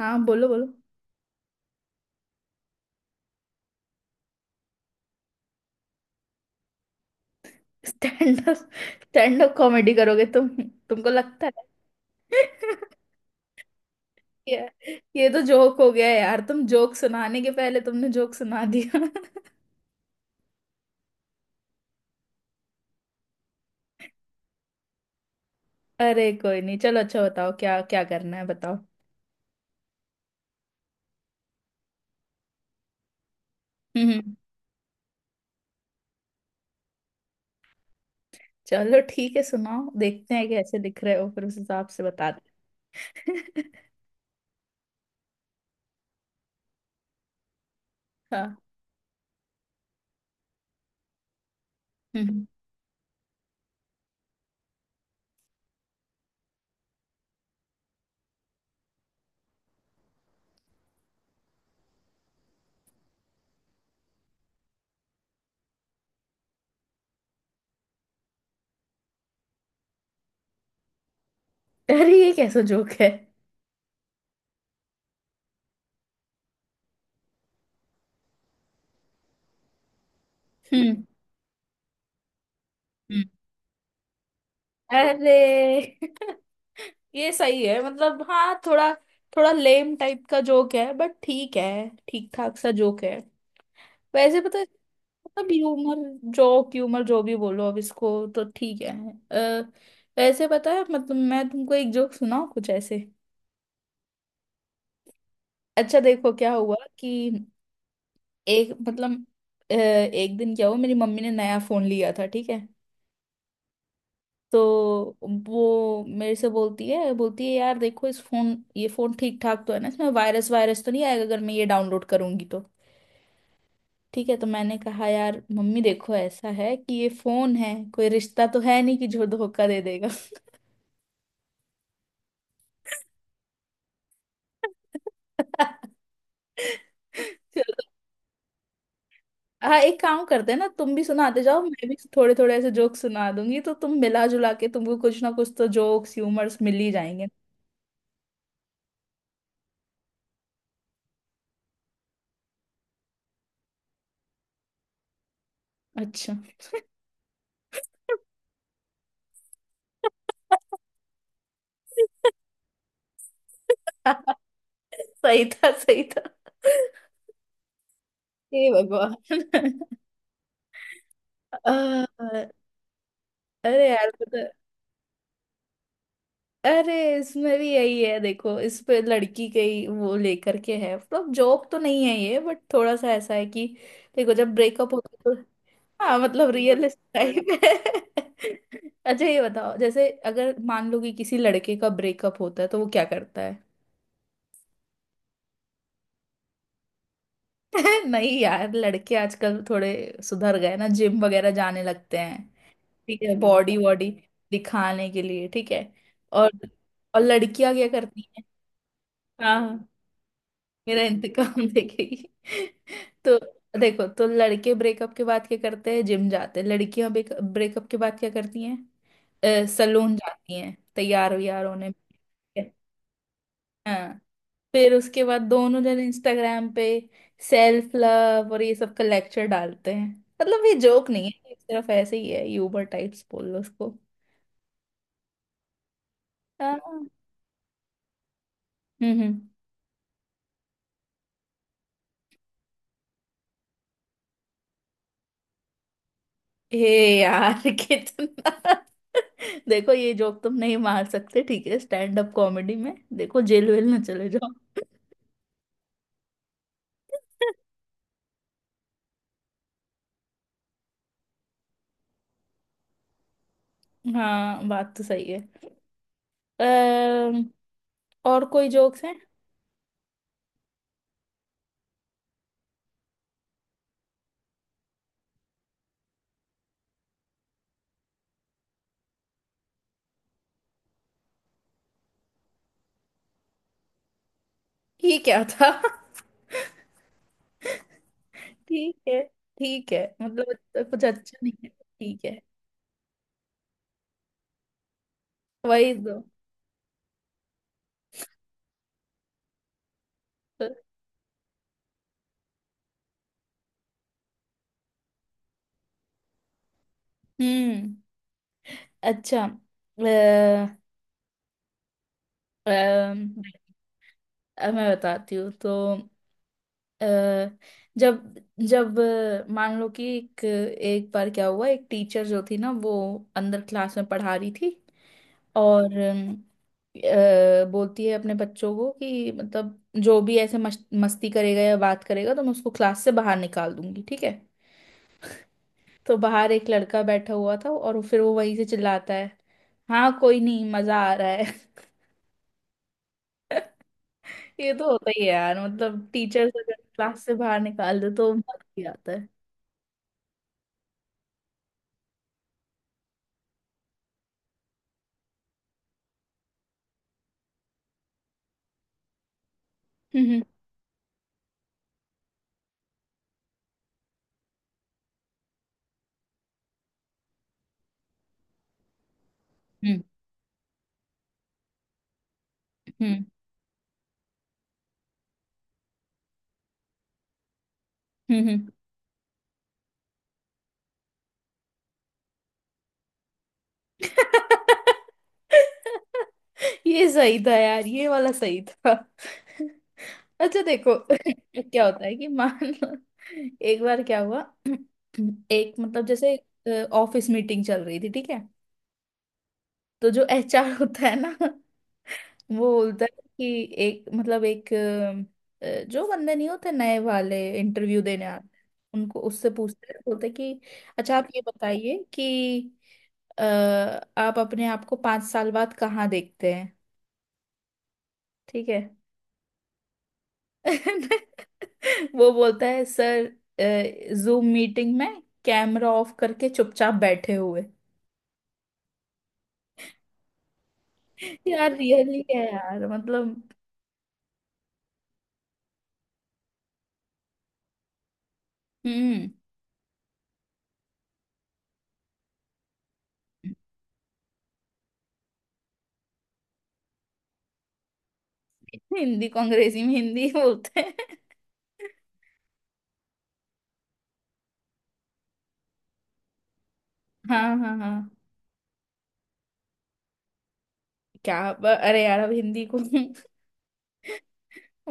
हाँ बोलो बोलो। Stand up stand up comedy करोगे तुम? तुमको लगता है? ये ये तो जोक हो गया यार। तुम जोक सुनाने के पहले तुमने जोक सुना दिया। अरे कोई नहीं, चलो, अच्छा बताओ क्या क्या करना है बताओ। हम्म हम्म। चलो ठीक है, सुनाओ, देखते हैं कैसे दिख रहे हो फिर उस हिसाब से बताते हैं। हाँ। हम्म हम्म। अरे ये कैसा जोक है? हम्म हम्म। अरे, ये सही है मतलब। हाँ थोड़ा थोड़ा लेम टाइप का जोक है बट ठीक है, ठीक ठाक सा जोक है। वैसे पता है मतलब ह्यूमर जोक ह्यूमर जो भी बोलो अब इसको, तो ठीक है। अ, वैसे पता है, मतलब मैं तुमको एक जोक सुनाऊँ कुछ ऐसे। अच्छा देखो क्या हुआ कि एक मतलब एक दिन क्या हुआ, मेरी मम्मी ने नया फोन लिया था, ठीक है। तो वो मेरे से बोलती है, बोलती है, यार देखो इस फोन ये फोन ठीक ठाक तो है ना, इसमें वायरस वायरस तो नहीं आएगा अगर मैं ये डाउनलोड करूंगी तो? ठीक है तो मैंने कहा, यार मम्मी देखो, ऐसा है कि ये फोन है, कोई रिश्ता तो है नहीं कि जो धोखा दे देगा। चलो। हाँ, एक काम करते हैं ना, तुम भी सुनाते जाओ, मैं भी थोड़े थोड़े ऐसे जोक्स सुना दूंगी तो तुम मिला जुला के तुमको कुछ ना कुछ तो जोक्स ह्यूमर्स मिल ही जाएंगे। अच्छा। सही था सही था। हे भगवान। अ- अरे यार। अरे इसमें भी यही है, देखो इस पे लड़की के ही वो लेकर के है, मतलब जोक तो नहीं है ये, बट थोड़ा सा ऐसा है कि देखो जब ब्रेकअप होता है तो। हाँ मतलब रियल टाइप है। अच्छा ये बताओ, जैसे अगर मान लो कि किसी लड़के का ब्रेकअप होता है तो वो क्या करता है? नहीं यार, लड़के आजकल थोड़े सुधर गए ना, जिम वगैरह जाने लगते हैं। ठीक है, बॉडी वॉडी दिखाने के लिए, ठीक है। और और लड़कियां क्या करती हैं? मेरा इंतकाम देखेगी। तो देखो, तो लड़के ब्रेकअप के बाद क्या करते हैं, जिम जाते हैं, लड़कियां ब्रेकअप के बाद क्या करती हैं, सलून जाती हैं तैयार व्यार होने। हाँ फिर उसके बाद दोनों जन इंस्टाग्राम पे सेल्फ लव और ये सब का लेक्चर डालते हैं। मतलब ये जोक नहीं है, ये सिर्फ ऐसे ही है, यूबर टाइप्स बोल लो उसको। हाँ। हम्म। हे यार, कितना। देखो ये जोक तुम नहीं मार सकते, ठीक है स्टैंड अप कॉमेडी में, देखो जेल वेल ना चले जाओ। हाँ बात तो सही है। अम्म, और कोई जोक्स हैं? ये क्या था? ठीक है ठीक है, मतलब इतना कुछ अच्छा नहीं है, ठीक है। वही दो। हम्म। अच्छा, अम, मैं बताती हूँ तो। अ, जब जब मान लो कि एक एक बार क्या हुआ, एक टीचर जो थी ना वो अंदर क्लास में पढ़ा रही थी। और बोलती है अपने बच्चों को कि मतलब जो भी ऐसे मस्ती करेगा या बात करेगा तो मैं उसको क्लास से बाहर निकाल दूंगी, ठीक है। तो बाहर एक लड़का बैठा हुआ था और फिर वो वहीं से चिल्लाता है, हाँ कोई नहीं मजा आ रहा है। ये तो होता ही है यार, मतलब टीचर अगर क्लास से बाहर निकाल दे तो मजा ही आता है। हम्म हम्म। हम्म हम्म। ये सही था यार, ये वाला सही था। अच्छा देखो। क्या होता है कि मान लो एक बार क्या हुआ, एक मतलब जैसे ऑफिस मीटिंग चल रही थी, ठीक है। तो जो एचआर होता है ना, वो बोलता है कि एक मतलब एक जो बंदे नहीं होते नए वाले इंटरव्यू देने आते हैं, उनको उससे पूछते हैं, बोलते हैं कि अच्छा आप ये बताइए कि अ, आप अपने आप को 5 साल बाद कहाँ देखते हैं, ठीक है। वो बोलता है सर, जूम मीटिंग में कैमरा ऑफ करके चुपचाप बैठे हुए। यार रियली क्या है यार मतलब। हम्म। हिंदी को अंग्रेजी में हिंदी बोलते हैं। हाँ हाँ हाँ। क्या अरे यार, अब हिंदी को।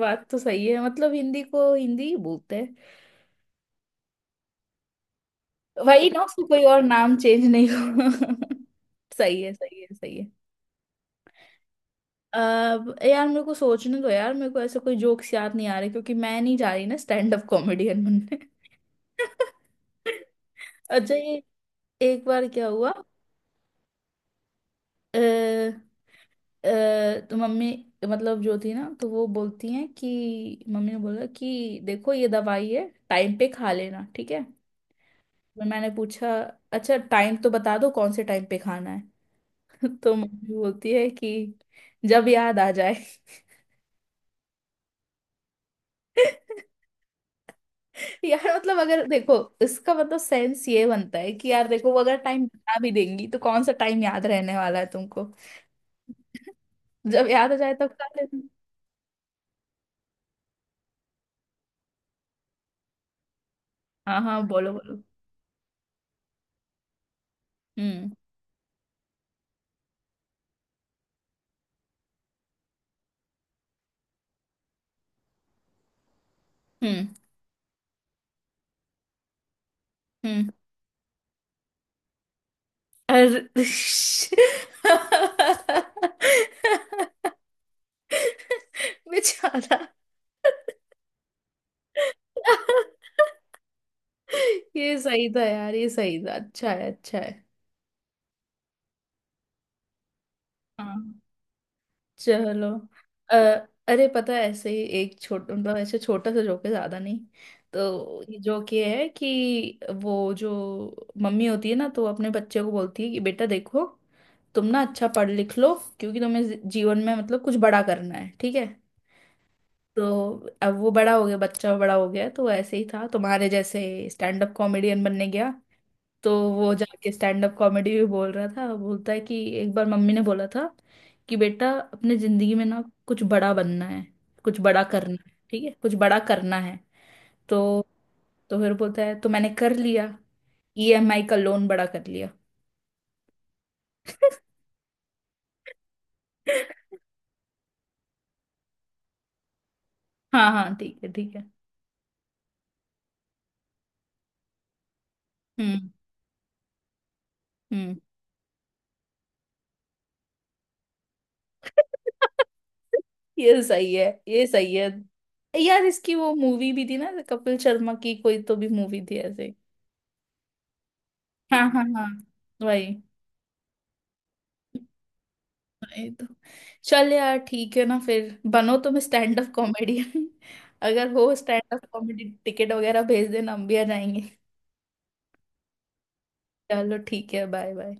बात तो सही है, मतलब हिंदी को हिंदी ही बोलते हैं। वही ना, उसको कोई और नाम चेंज नहीं हुआ। सही है सही है सही है। अब यार मेरे को सोचने दो यार, मेरे को ऐसे कोई जोक्स याद नहीं आ रहे क्योंकि मैं नहीं जा रही ना स्टैंड अप कॉमेडियन बनने। अच्छा ये, एक बार क्या हुआ। अ, तो मम्मी, मतलब जो थी ना, तो वो बोलती हैं कि मम्मी ने बोला कि देखो ये दवाई है टाइम पे खा लेना, ठीक है। मैंने पूछा, अच्छा टाइम तो बता दो कौन से टाइम पे खाना है। तो मम्मी बोलती है कि जब याद आ जाए। यार मतलब अगर देखो, इसका मतलब सेंस ये बनता है कि यार देखो, वो अगर टाइम बता भी देंगी तो कौन सा टाइम याद रहने वाला है तुमको? जब याद आ जाए तब खा लेना। हाँ हाँ बोलो बोलो। हम्म हम्म। हम्म। अरे, बेचारा। ये सही था यार ये सही था, अच्छा है अच्छा है। हाँ चलो। अ, अरे पता है, ऐसे ही एक छोटा मतलब ऐसे छोटा सा जोक है, ज्यादा नहीं। तो ये जोक ये है कि वो जो मम्मी होती है ना, तो वो अपने बच्चे को बोलती है कि बेटा देखो, तुम ना अच्छा पढ़ लिख लो क्योंकि तुम्हें जीवन में मतलब कुछ बड़ा करना है, ठीक है। तो अब वो बड़ा हो गया, बच्चा बड़ा हो गया, तो वो ऐसे ही था तुम्हारे जैसे, स्टैंड अप कॉमेडियन बनने गया। तो वो जाके स्टैंड अप कॉमेडी भी बोल रहा था, बोलता है कि एक बार मम्मी ने बोला था कि बेटा अपने जिंदगी में ना कुछ बड़ा बनना है, कुछ बड़ा करना है, ठीक है कुछ बड़ा करना है। तो फिर बोलता है, तो मैंने कर लिया, ईएमआई का लोन बड़ा कर लिया। हाँ हाँ ठीक है ठीक है। हम्म हम्म। ये सही है ये सही है, यार इसकी वो मूवी भी थी ना कपिल शर्मा की, कोई तो भी मूवी थी ऐसे। हाँ हाँ हाँ वही। ये तो। चल यार ठीक है ना फिर बनो तुम स्टैंड अप कॉमेडियन। अगर हो स्टैंड अप कॉमेडी टिकट वगैरह भेज देना हम भी आ जाएंगे। चलो ठीक है बाय बाय।